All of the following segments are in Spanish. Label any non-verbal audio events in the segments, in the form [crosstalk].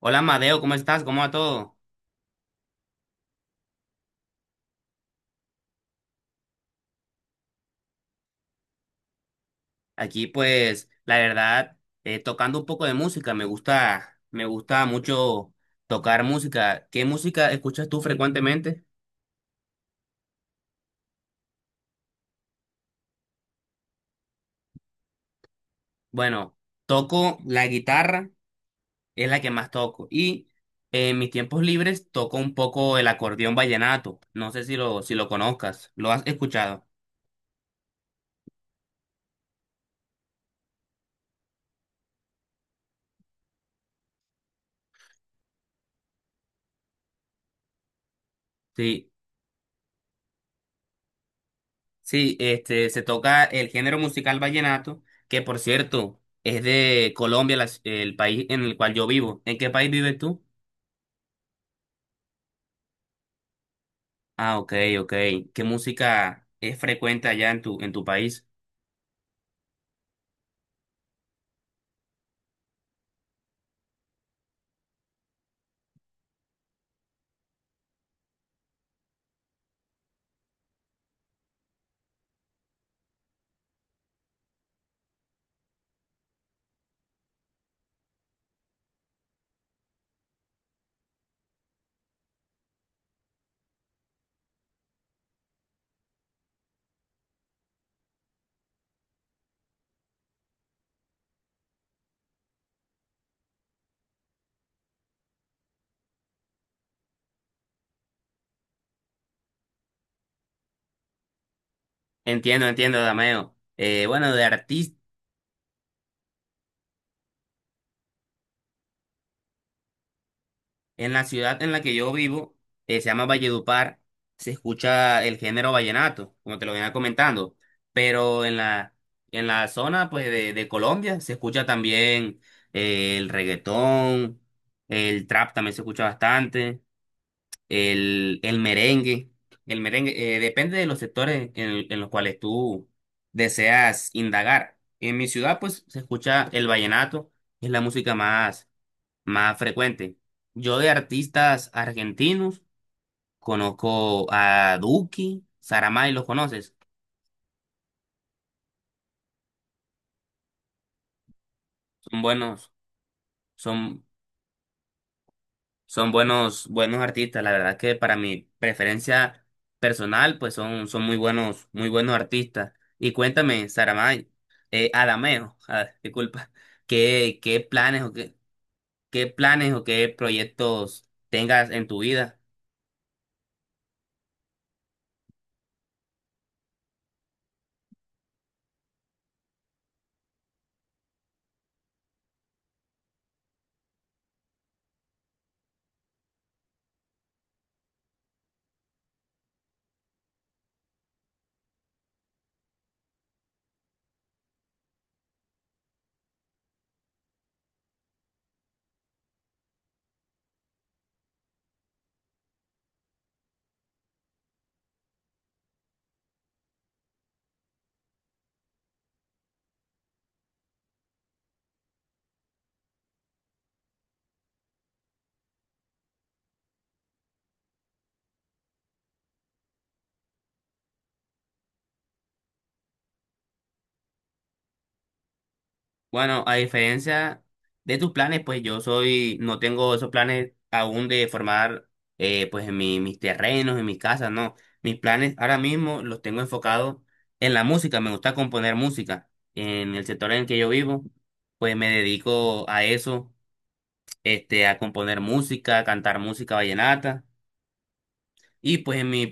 Hola Madeo, ¿cómo estás? ¿Cómo va todo? Aquí pues, la verdad, tocando un poco de música, me gusta mucho tocar música. ¿Qué música escuchas tú frecuentemente? Bueno, toco la guitarra, es la que más toco. En mis tiempos libres toco un poco el acordeón vallenato. No sé si lo conozcas, ¿lo has escuchado? Sí. Sí, este, se toca el género musical vallenato, que por cierto es de Colombia, el país en el cual yo vivo. ¿En qué país vives tú? Ah, ok, ok. ¿Qué música es frecuente allá en tu país? Entiendo, entiendo, Dameo. Bueno, de artistas. En la ciudad en la que yo vivo, se llama Valledupar, se escucha el género vallenato, como te lo venía comentando, pero en la zona pues, de Colombia se escucha también el reggaetón, el trap también se escucha bastante, el, el merengue, el merengue, depende de los sectores en los cuales tú deseas indagar. En mi ciudad pues se escucha el vallenato, es la música más más frecuente. Yo de artistas argentinos conozco a Duki, Saramay, ¿los conoces? Son buenos, son, son buenos, buenos artistas. La verdad que para mi preferencia personal, pues son, son muy buenos artistas. Y cuéntame, Saramay, Adameo, [laughs] ah, disculpa, ¿ qué planes o qué, qué planes o qué proyectos tengas en tu vida? Bueno, a diferencia de tus planes, pues yo soy, no tengo esos planes aún de formar pues en mis terrenos, en mis casas, no. Mis planes ahora mismo los tengo enfocados en la música, me gusta componer música. En el sector en el que yo vivo, pues me dedico a eso, este, a componer música, a cantar música vallenata. Y pues en mi,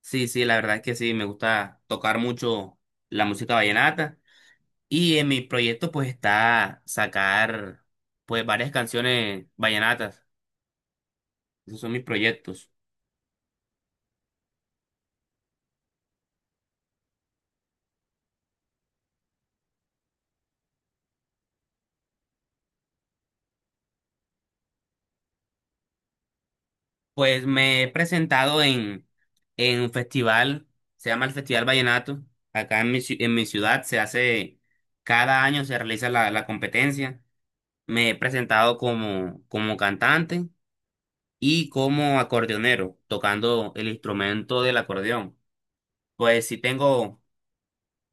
sí, sí, la verdad es que sí, me gusta tocar mucho la música vallenata. Y en mi proyecto pues está sacar pues varias canciones vallenatas. Esos son mis proyectos. Pues me he presentado en un festival, se llama el Festival Vallenato. Acá en mi, en mi ciudad se hace, cada año se realiza la competencia. Me he presentado como, como cantante y como acordeonero, tocando el instrumento del acordeón. Pues sí tengo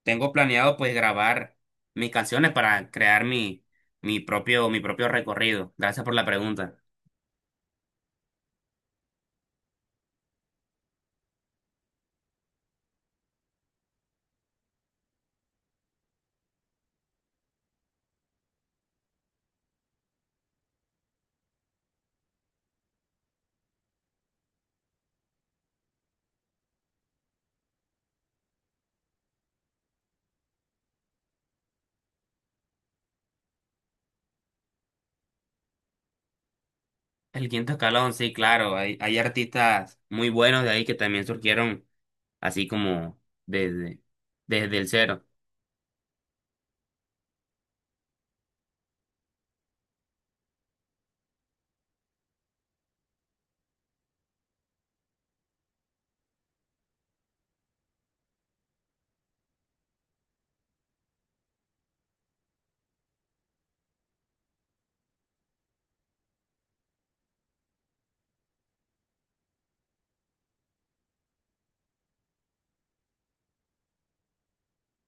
tengo planeado pues grabar mis canciones para crear mi, mi propio recorrido. Gracias por la pregunta. El quinto escalón, sí, claro, hay artistas muy buenos de ahí que también surgieron así como desde, desde el cero.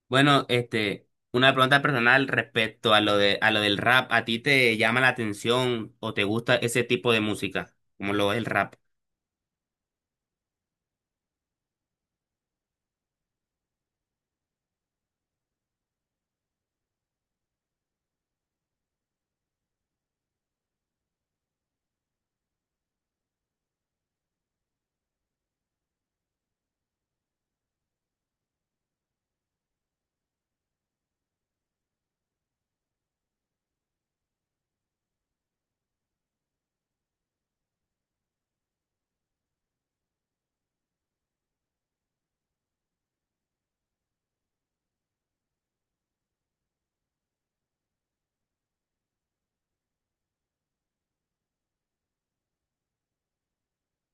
Bueno, este, una pregunta personal respecto a a lo del rap. ¿A ti te llama la atención o te gusta ese tipo de música, como lo es el rap?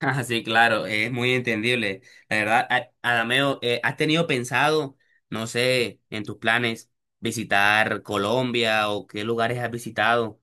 Ah, sí, claro, es muy entendible. La verdad, Adameo, ¿has tenido pensado, no sé, en tus planes visitar Colombia o qué lugares has visitado?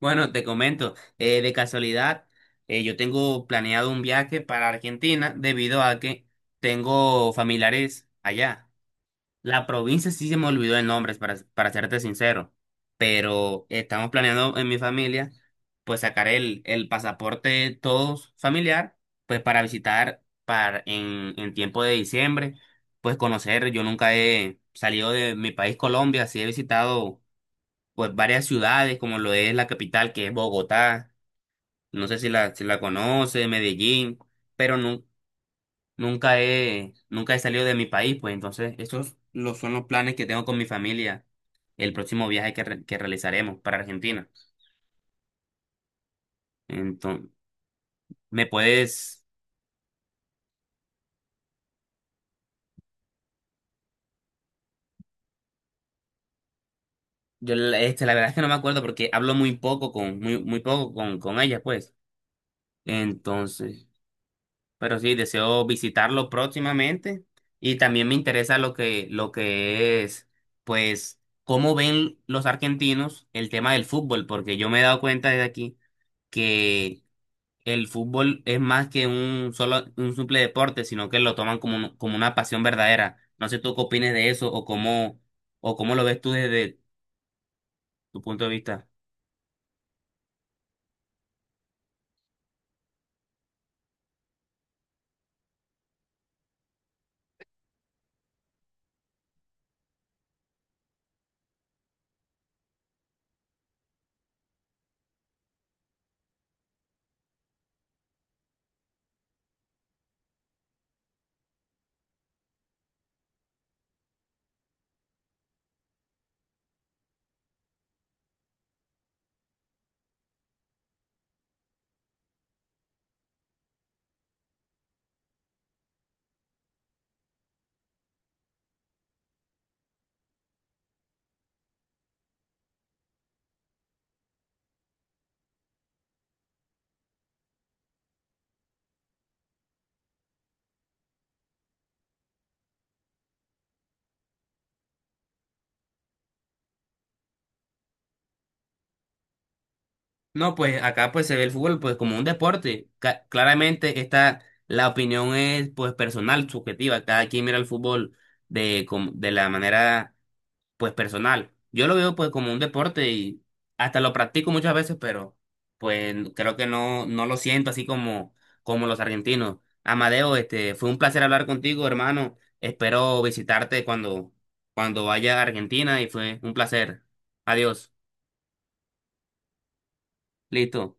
Bueno, te comento, de casualidad, yo tengo planeado un viaje para Argentina debido a que tengo familiares allá. La provincia sí se me olvidó de nombres, para serte sincero, pero estamos planeando en mi familia, pues sacar el pasaporte todos familiar, pues para visitar para, en tiempo de diciembre, pues conocer, yo nunca he salido de mi país Colombia, sí he visitado pues varias ciudades, como lo es la capital, que es Bogotá, no sé si la conoce, Medellín, pero Nunca he, nunca he salido de mi país, pues entonces son los planes que tengo con mi familia, el próximo viaje que realizaremos para Argentina. Entonces, ¿me puedes? Yo este, la verdad es que no me acuerdo porque hablo muy poco con, muy poco con ella, pues. Entonces, pero sí, deseo visitarlo próximamente y también me interesa lo que es, pues, cómo ven los argentinos el tema del fútbol, porque yo me he dado cuenta desde aquí que el fútbol es más que un solo, un simple deporte, sino que lo toman como, como una pasión verdadera. No sé tú qué opines de eso o cómo lo ves tú desde tu punto de vista. No, pues acá pues se ve el fútbol pues como un deporte. Claramente esta, la opinión es pues personal, subjetiva. Cada quien mira el fútbol de la manera pues personal. Yo lo veo pues como un deporte y hasta lo practico muchas veces, pero pues creo que no, no lo siento así como, como los argentinos. Amadeo, este, fue un placer hablar contigo, hermano. Espero visitarte cuando, cuando vaya a Argentina y fue un placer. Adiós. Listo.